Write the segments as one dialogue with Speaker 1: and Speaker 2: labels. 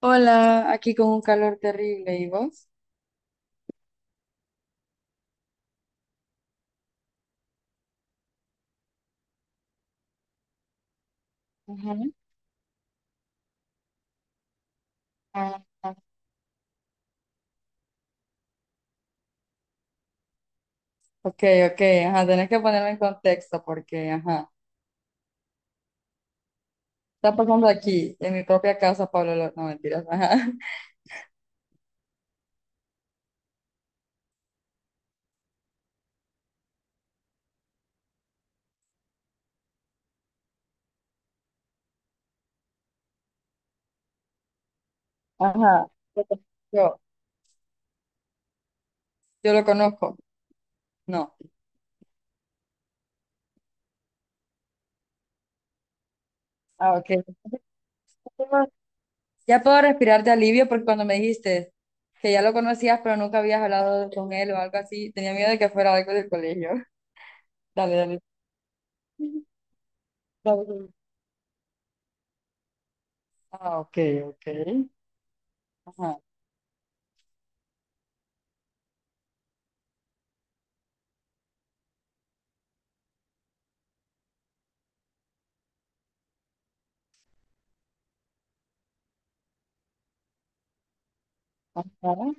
Speaker 1: Hola, aquí con un calor terrible, ¿y vos? Ajá. Ah, ah. Ok, ok, ajá, tenés que ponerme en contexto porque, ajá, está pasando aquí, en mi propia casa, Pablo, no, mentiras, ajá, Ajá. yo, yo lo conozco, no. Ah, ok. Ya puedo respirar de alivio porque cuando me dijiste que ya lo conocías pero nunca habías hablado con él o algo así, tenía miedo de que fuera algo del colegio. Dale, dale. Ujú. Ah, ok, ok, ajá. Ajá.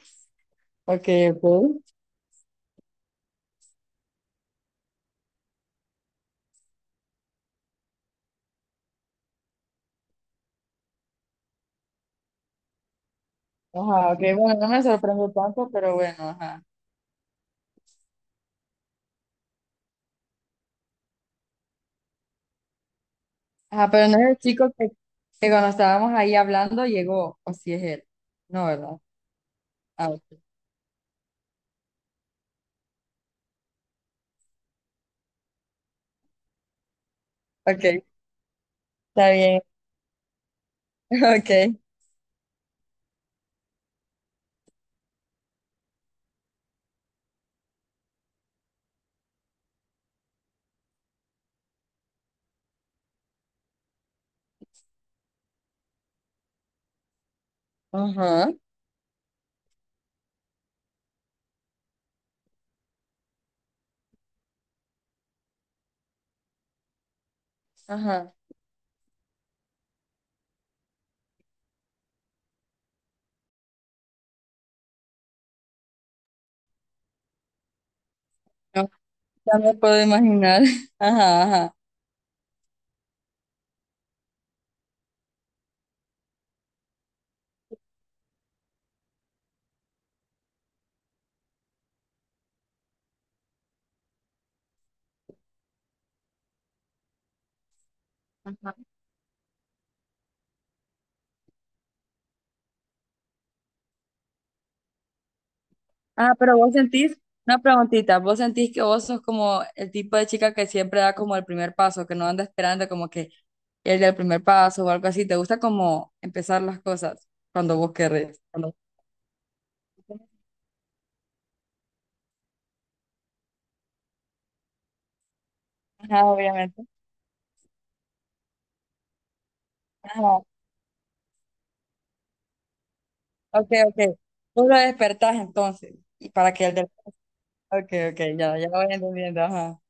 Speaker 1: Ok, ok. Ajá, ok, bueno, no me sorprende tanto, pero bueno, ajá. Ajá, pero no es el chico que cuando estábamos ahí hablando llegó, o si es él. No, ¿verdad? Ah, ok. Ok, está bien. Ok. Ajá, ajá. No, ya me puedo imaginar. Ajá, ajá. Ajá. Ah, pero vos sentís, una preguntita, vos sentís que vos sos como el tipo de chica que siempre da como el primer paso, que no anda esperando como que él dé el primer paso o algo así. ¿Te gusta como empezar las cosas cuando vos querés? Cuando... Ajá, obviamente. Ah, ok, ok. Tú lo despertás entonces. Y para que el del... Ok, ok, ya voy entendiendo. Ajá.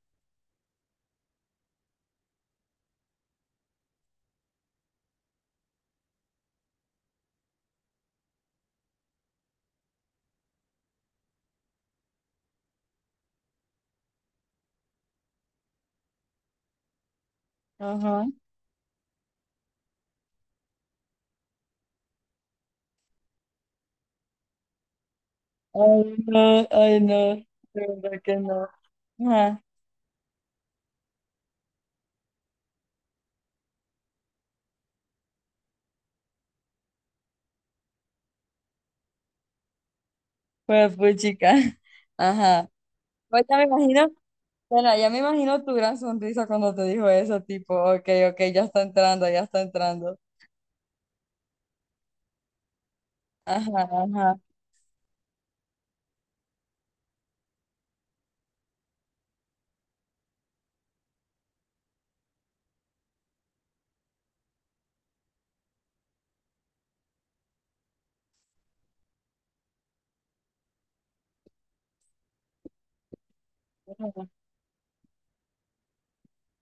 Speaker 1: Ajá. Ay, no, ay, no. De verdad que no. Ajá. Pues, pues, chica. Ajá. Pues ya me imagino, bueno, ya me imagino tu gran sonrisa cuando te dijo eso, tipo, ok, ok, ya está entrando, ya está entrando. Ajá, ajá.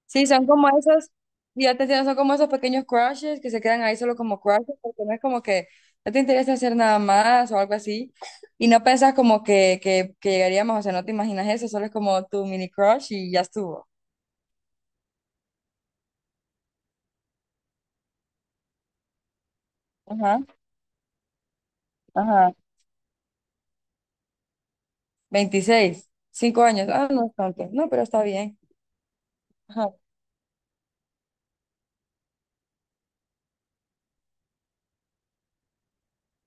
Speaker 1: Sí, son como esos, ya te entiendo, son como esos pequeños crushes que se quedan ahí solo como crushes, porque no es como que no te interesa hacer nada más o algo así, y no piensas como que llegaríamos, o sea, no te imaginas eso, solo es como tu mini crush y ya estuvo. Ajá, ajá. 26, 5 años, ah, no es tanto, no, pero está bien. Ajá,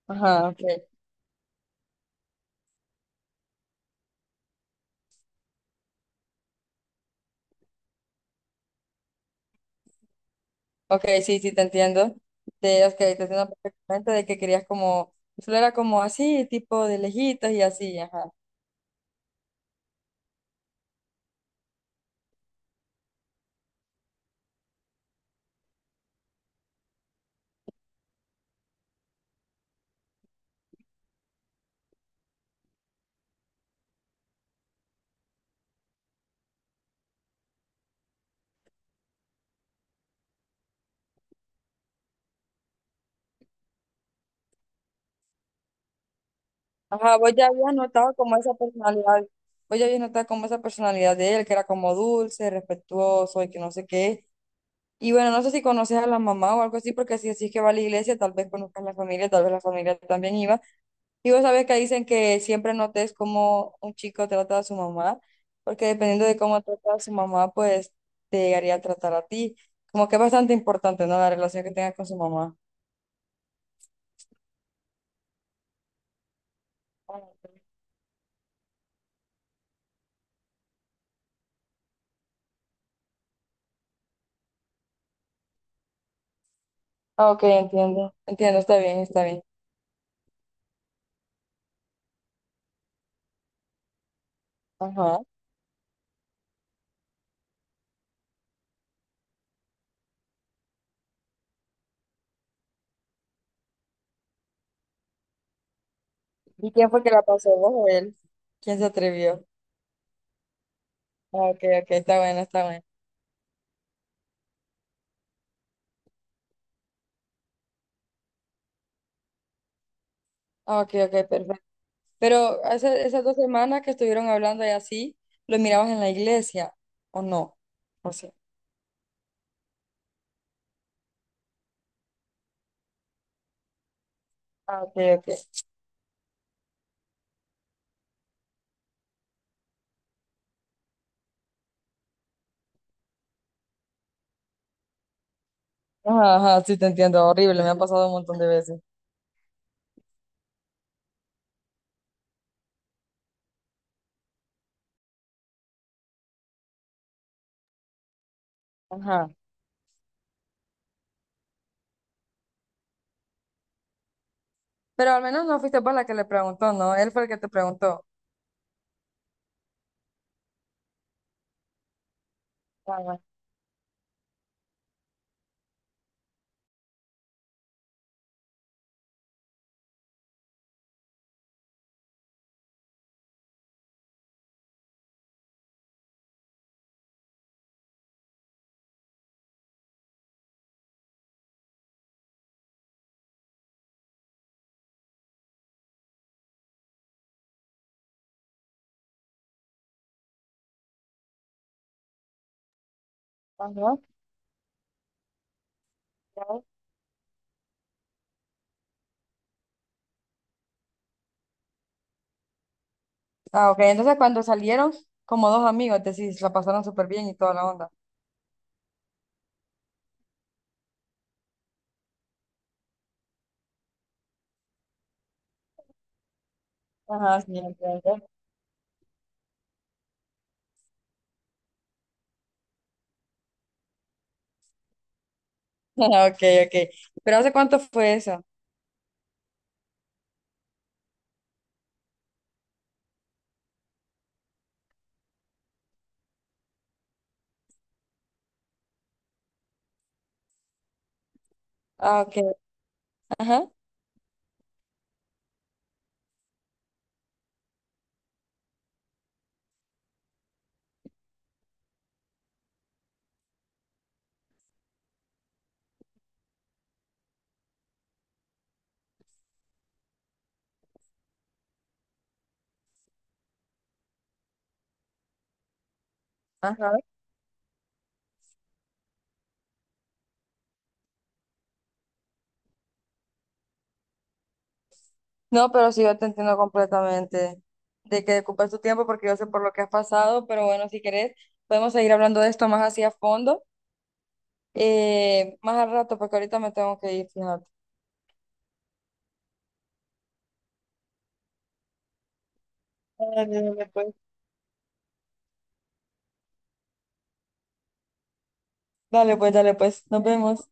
Speaker 1: ajá, ok. Ok, sí, sí, te entiendo. Ok, te entiendo perfectamente de que querías como, solo era como así, tipo de lejitos y así, ajá. Ajá, vos ya habías notado como esa personalidad, vos ya habías notado como esa personalidad de él, que era como dulce, respetuoso y que no sé qué. Y bueno, no sé si conoces a la mamá o algo así, porque si decís que va a la iglesia, tal vez conozcas la familia, tal vez la familia también iba. Y vos sabés que dicen que siempre notes cómo un chico trata a su mamá, porque dependiendo de cómo trata a su mamá, pues te llegaría a tratar a ti. Como que es bastante importante, ¿no? La relación que tengas con su mamá. Ah, ok, entiendo. Entiendo, está bien, está bien. Ajá. ¿Y quién fue que la pasó? ¿Vos o él? ¿Quién se atrevió? Ah, ok, ok, está bueno, está bueno. Ah, ok, ok, perfecto. Esas 2 semanas que estuvieron hablando y así, ¿lo mirabas en la iglesia o no? ¿O sí? Ah, ok, ok. Ajá, ajá, sí te entiendo, horrible, me ha pasado un montón de veces. Ajá. Pero al menos no fuiste vos la que le preguntó, ¿no? Él fue el que te preguntó. Ah, bueno. Ajá. Ya. Ah, ok, entonces cuando salieron, como dos amigos, decís, la pasaron súper bien y toda la onda. Ajá, sí, entiendo. Ah, Ok, ok. ¿Pero hace cuánto fue eso? Ah, ok. Ajá. Ajá. No, pero sí, yo te entiendo completamente de que ocupas tu tiempo porque yo sé por lo que has pasado, pero bueno, si querés, podemos seguir hablando de esto más así a fondo, más al rato, porque ahorita me tengo que ir, fíjate. Dale, dale, pues. Dale, pues, dale, pues, nos vemos.